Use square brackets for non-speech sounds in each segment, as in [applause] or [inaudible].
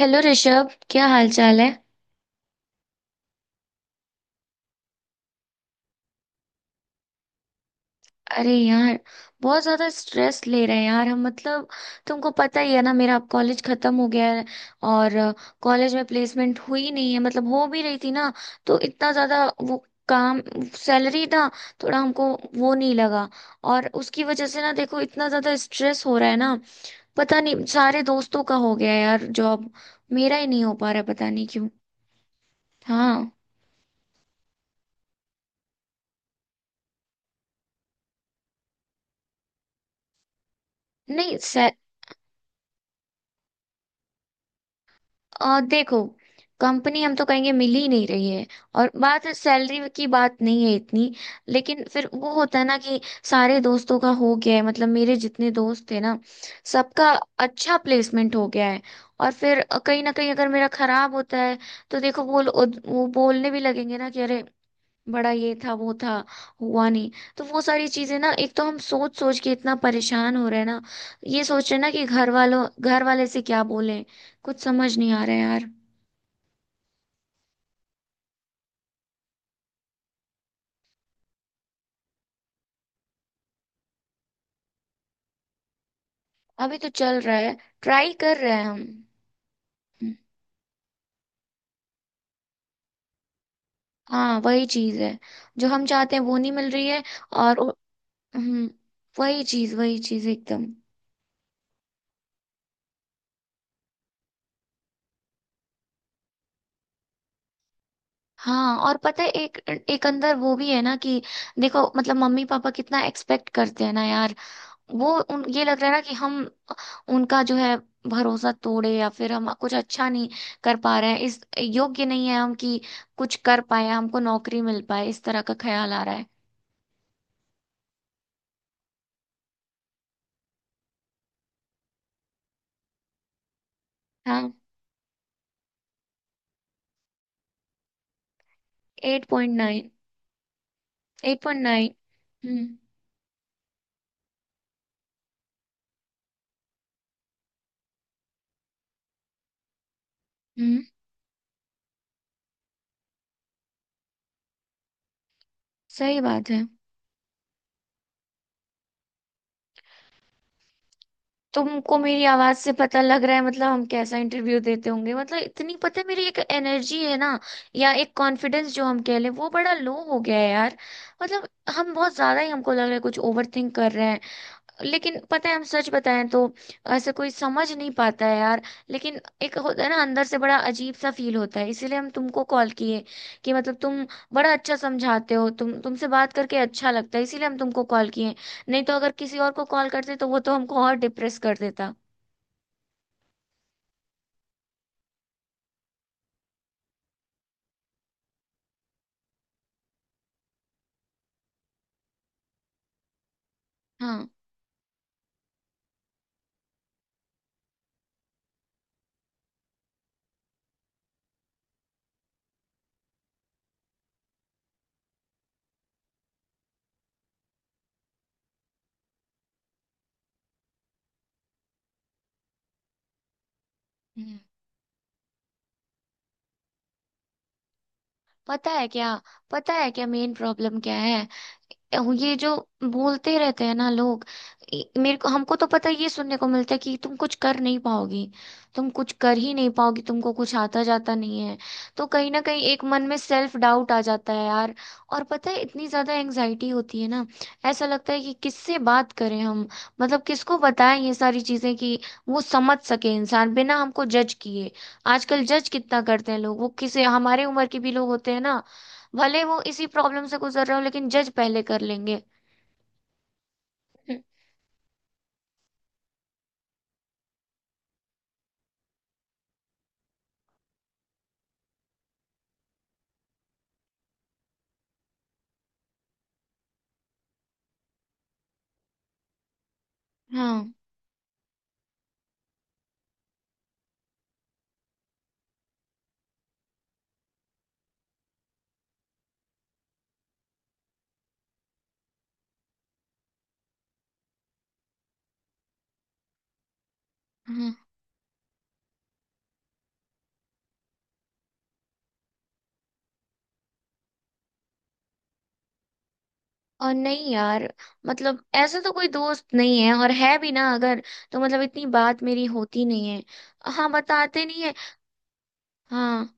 Hello Rishabh, क्या हाल चाल है। अरे यार, बहुत ज्यादा स्ट्रेस ले रहे हैं यार हम। मतलब तुमको पता ही है ना, मेरा अब कॉलेज खत्म हो गया है। और कॉलेज में प्लेसमेंट हुई नहीं है। मतलब हो भी रही थी ना, तो इतना ज्यादा वो काम, सैलरी ना, थोड़ा हमको वो नहीं लगा। और उसकी वजह से ना देखो, इतना ज्यादा स्ट्रेस हो रहा है ना। पता नहीं, सारे दोस्तों का हो गया है यार जॉब, मेरा ही नहीं हो पा रहा है, पता नहीं क्यों। हाँ। नहीं। देखो, कंपनी हम तो कहेंगे मिल ही नहीं रही है। और बात, सैलरी की बात नहीं है इतनी। लेकिन फिर वो होता है ना कि सारे दोस्तों का हो गया है। मतलब मेरे जितने दोस्त थे ना, सबका अच्छा प्लेसमेंट हो गया है। और फिर कहीं ना कहीं अगर मेरा खराब होता है तो देखो वो वो बोलने भी लगेंगे ना कि अरे बड़ा ये था वो था, हुआ नहीं। तो वो सारी चीजें ना, एक तो हम सोच सोच के इतना परेशान हो रहे हैं ना। ये सोच रहे हैं ना कि घर वाले से क्या बोलें। कुछ समझ नहीं आ रहा है यार। अभी तो चल रहा है, ट्राई कर रहे हैं हम। हाँ, वही चीज है। जो हम चाहते हैं वो नहीं मिल रही है। और हम्म। वही चीज एकदम। हाँ, और पता है एक एक अंदर वो भी है ना कि देखो मतलब मम्मी पापा कितना एक्सपेक्ट करते हैं ना यार। वो उन ये लग रहा है ना कि हम उनका जो है भरोसा तोड़े, या फिर हम कुछ अच्छा नहीं कर पा रहे हैं, इस योग्य नहीं है हम कि कुछ कर पाए, हमको नौकरी मिल पाए, इस तरह का ख्याल आ रहा है। हाँ। 8.9। 8.9। हम्म। हम्म। सही बात है। तुमको मेरी आवाज से पता लग रहा है, मतलब हम कैसा इंटरव्यू देते होंगे। मतलब इतनी पता है मेरी एक एनर्जी है ना, या एक कॉन्फिडेंस जो हम कह लें, वो बड़ा लो हो गया है यार। मतलब हम बहुत ज्यादा ही, हमको लग रहा है कुछ ओवर थिंक कर रहे हैं। लेकिन पता है हम सच बताएं तो ऐसे कोई समझ नहीं पाता है यार। लेकिन एक होता है ना, अंदर से बड़ा अजीब सा फील होता है, इसीलिए हम तुमको कॉल किए। कि मतलब तुम बड़ा अच्छा समझाते हो, तुम तुमसे बात करके अच्छा लगता है, इसीलिए हम तुमको कॉल किए। नहीं तो अगर किसी और को कॉल करते तो वो तो हमको और डिप्रेस कर देता। हाँ। हम्म। पता है क्या, पता है क्या मेन प्रॉब्लम क्या है। ये जो बोलते रहते हैं ना लोग, ये- मेरे को हमको तो पता है, ये सुनने को मिलता है कि तुम कुछ कर नहीं पाओगी, तुम कुछ कर ही नहीं पाओगी, तुमको कुछ आता जाता नहीं है। तो कहीं ना कहीं एक मन में सेल्फ डाउट आ जाता है यार। और पता है, इतनी ज्यादा एंजाइटी होती है ना, ऐसा लगता है कि किससे बात करें हम, मतलब किसको बताएं ये सारी चीजें कि वो समझ सके इंसान बिना हमको जज किए। आजकल जज कितना करते हैं लोग, वो किसी हमारे उम्र के भी लोग होते हैं ना, भले वो इसी प्रॉब्लम से गुजर रहे हो लेकिन जज पहले कर लेंगे। हाँ। हाँ, और नहीं यार, मतलब ऐसा तो कोई दोस्त नहीं है। और है भी ना अगर, तो मतलब इतनी बात मेरी होती नहीं है। हाँ, बताते नहीं है। हाँ।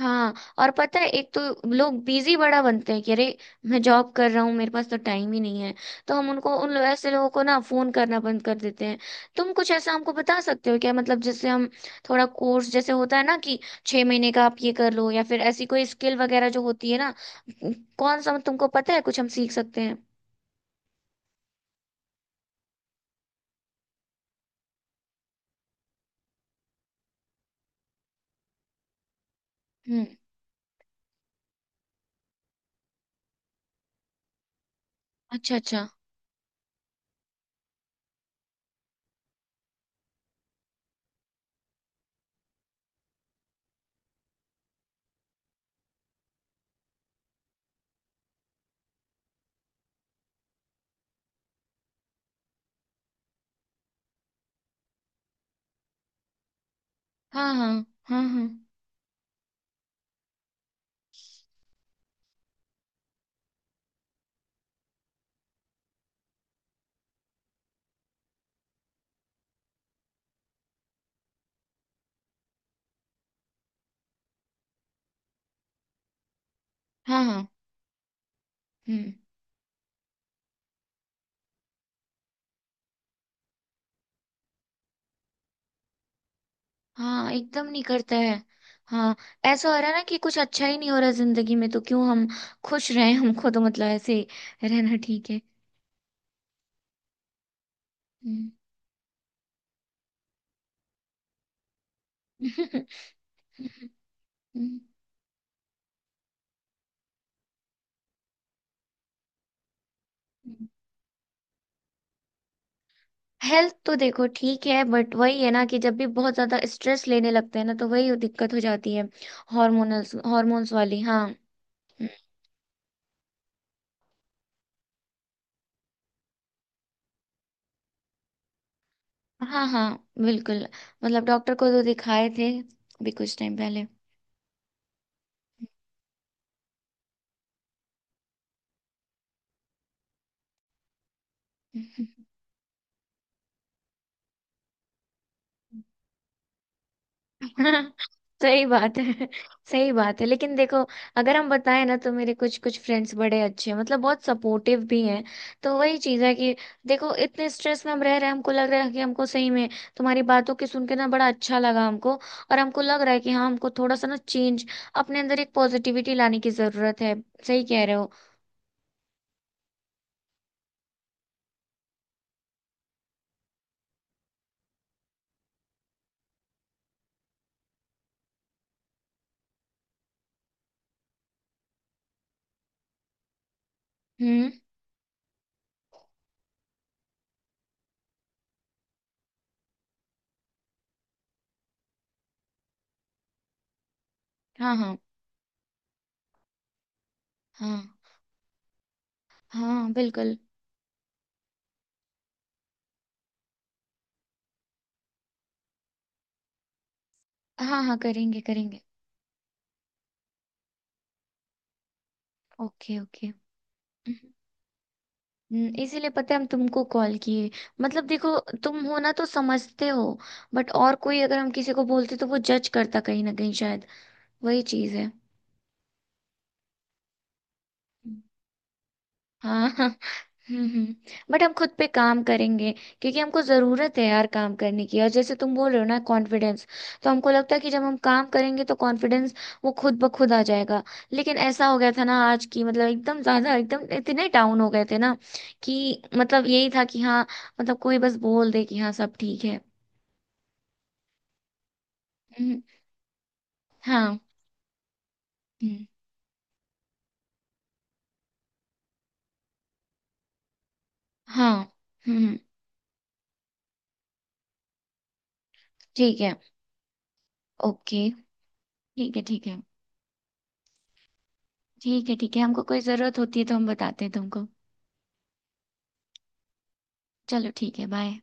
हाँ, और पता है, एक तो लोग बिजी बड़ा बनते हैं कि अरे मैं जॉब कर रहा हूँ, मेरे पास तो टाइम ही नहीं है। तो हम उनको ऐसे लोगों को ना फोन करना बंद कर देते हैं। तुम कुछ ऐसा हमको बता सकते हो क्या, मतलब जैसे हम थोड़ा कोर्स जैसे होता है ना कि 6 महीने का, आप ये कर लो, या फिर ऐसी कोई स्किल वगैरह जो होती है ना, कौन सा तुमको पता है, कुछ हम सीख सकते हैं। हम्म। अच्छा अच्छा। हाँ हाँ। हाँ हाँ। हाँ हाँ। हम्म। हाँ, एकदम नहीं करता है। हाँ, ऐसा हो रहा है ना कि कुछ अच्छा ही नहीं हो रहा जिंदगी में, तो क्यों हम खुश रहें। हमको तो मतलब ऐसे ही रहना ठीक है। हम्म। [laughs] हेल्थ तो देखो ठीक है, बट वही है ना कि जब भी बहुत ज्यादा स्ट्रेस लेने लगते हैं ना तो वही दिक्कत हो जाती है। हार्मोनल्स हार्मोन्स वाली, हाँ। हम्म। हाँ हाँ बिल्कुल। मतलब डॉक्टर को तो दिखाए थे, अभी कुछ टाइम पहले। हम्म। [laughs] सही बात है। सही बात है, लेकिन देखो, अगर हम बताएं ना तो मेरे कुछ कुछ फ्रेंड्स बड़े अच्छे हैं, मतलब बहुत सपोर्टिव भी हैं। तो वही चीज़ है कि देखो, इतने स्ट्रेस में हम रह रहे हैं, हमको लग रहा है कि हमको सही में तुम्हारी बातों की सुन के ना बड़ा अच्छा लगा हमको। और हमको लग रहा है कि हाँ, हमको थोड़ा सा ना चेंज, अपने अंदर एक पॉजिटिविटी लाने की जरूरत है। सही कह रहे हो। हम्म। हाँ हाँ। हाँ हाँ बिल्कुल। हाँ हाँ करेंगे करेंगे। Okay okay. इसीलिए पता है हम तुमको कॉल किए। मतलब देखो, तुम हो ना तो समझते हो। बट और कोई, अगर हम किसी को बोलते तो वो जज करता कहीं ना कहीं शायद। वही चीज है। हाँ। [laughs] हम्म। बट हम खुद पे काम करेंगे, क्योंकि हमको ज़रूरत है यार काम करने की। और जैसे तुम बोल रहे हो ना कॉन्फिडेंस, तो हमको लगता है कि जब हम काम करेंगे तो कॉन्फिडेंस वो खुद ब खुद आ जाएगा। लेकिन ऐसा हो गया था ना आज की, मतलब एकदम ज़्यादा, एकदम इतने डाउन हो गए थे ना कि मतलब यही था कि हाँ, मतलब कोई बस बोल दे कि हाँ सब ठीक है। हम्म। हाँ। हम्म। हाँ। हम्म। हम्म। ठीक है। ओके। ठीक है ठीक है। ठीक है ठीक है, हमको कोई ज़रूरत होती है तो हम बताते हैं तुमको। चलो ठीक है, बाय।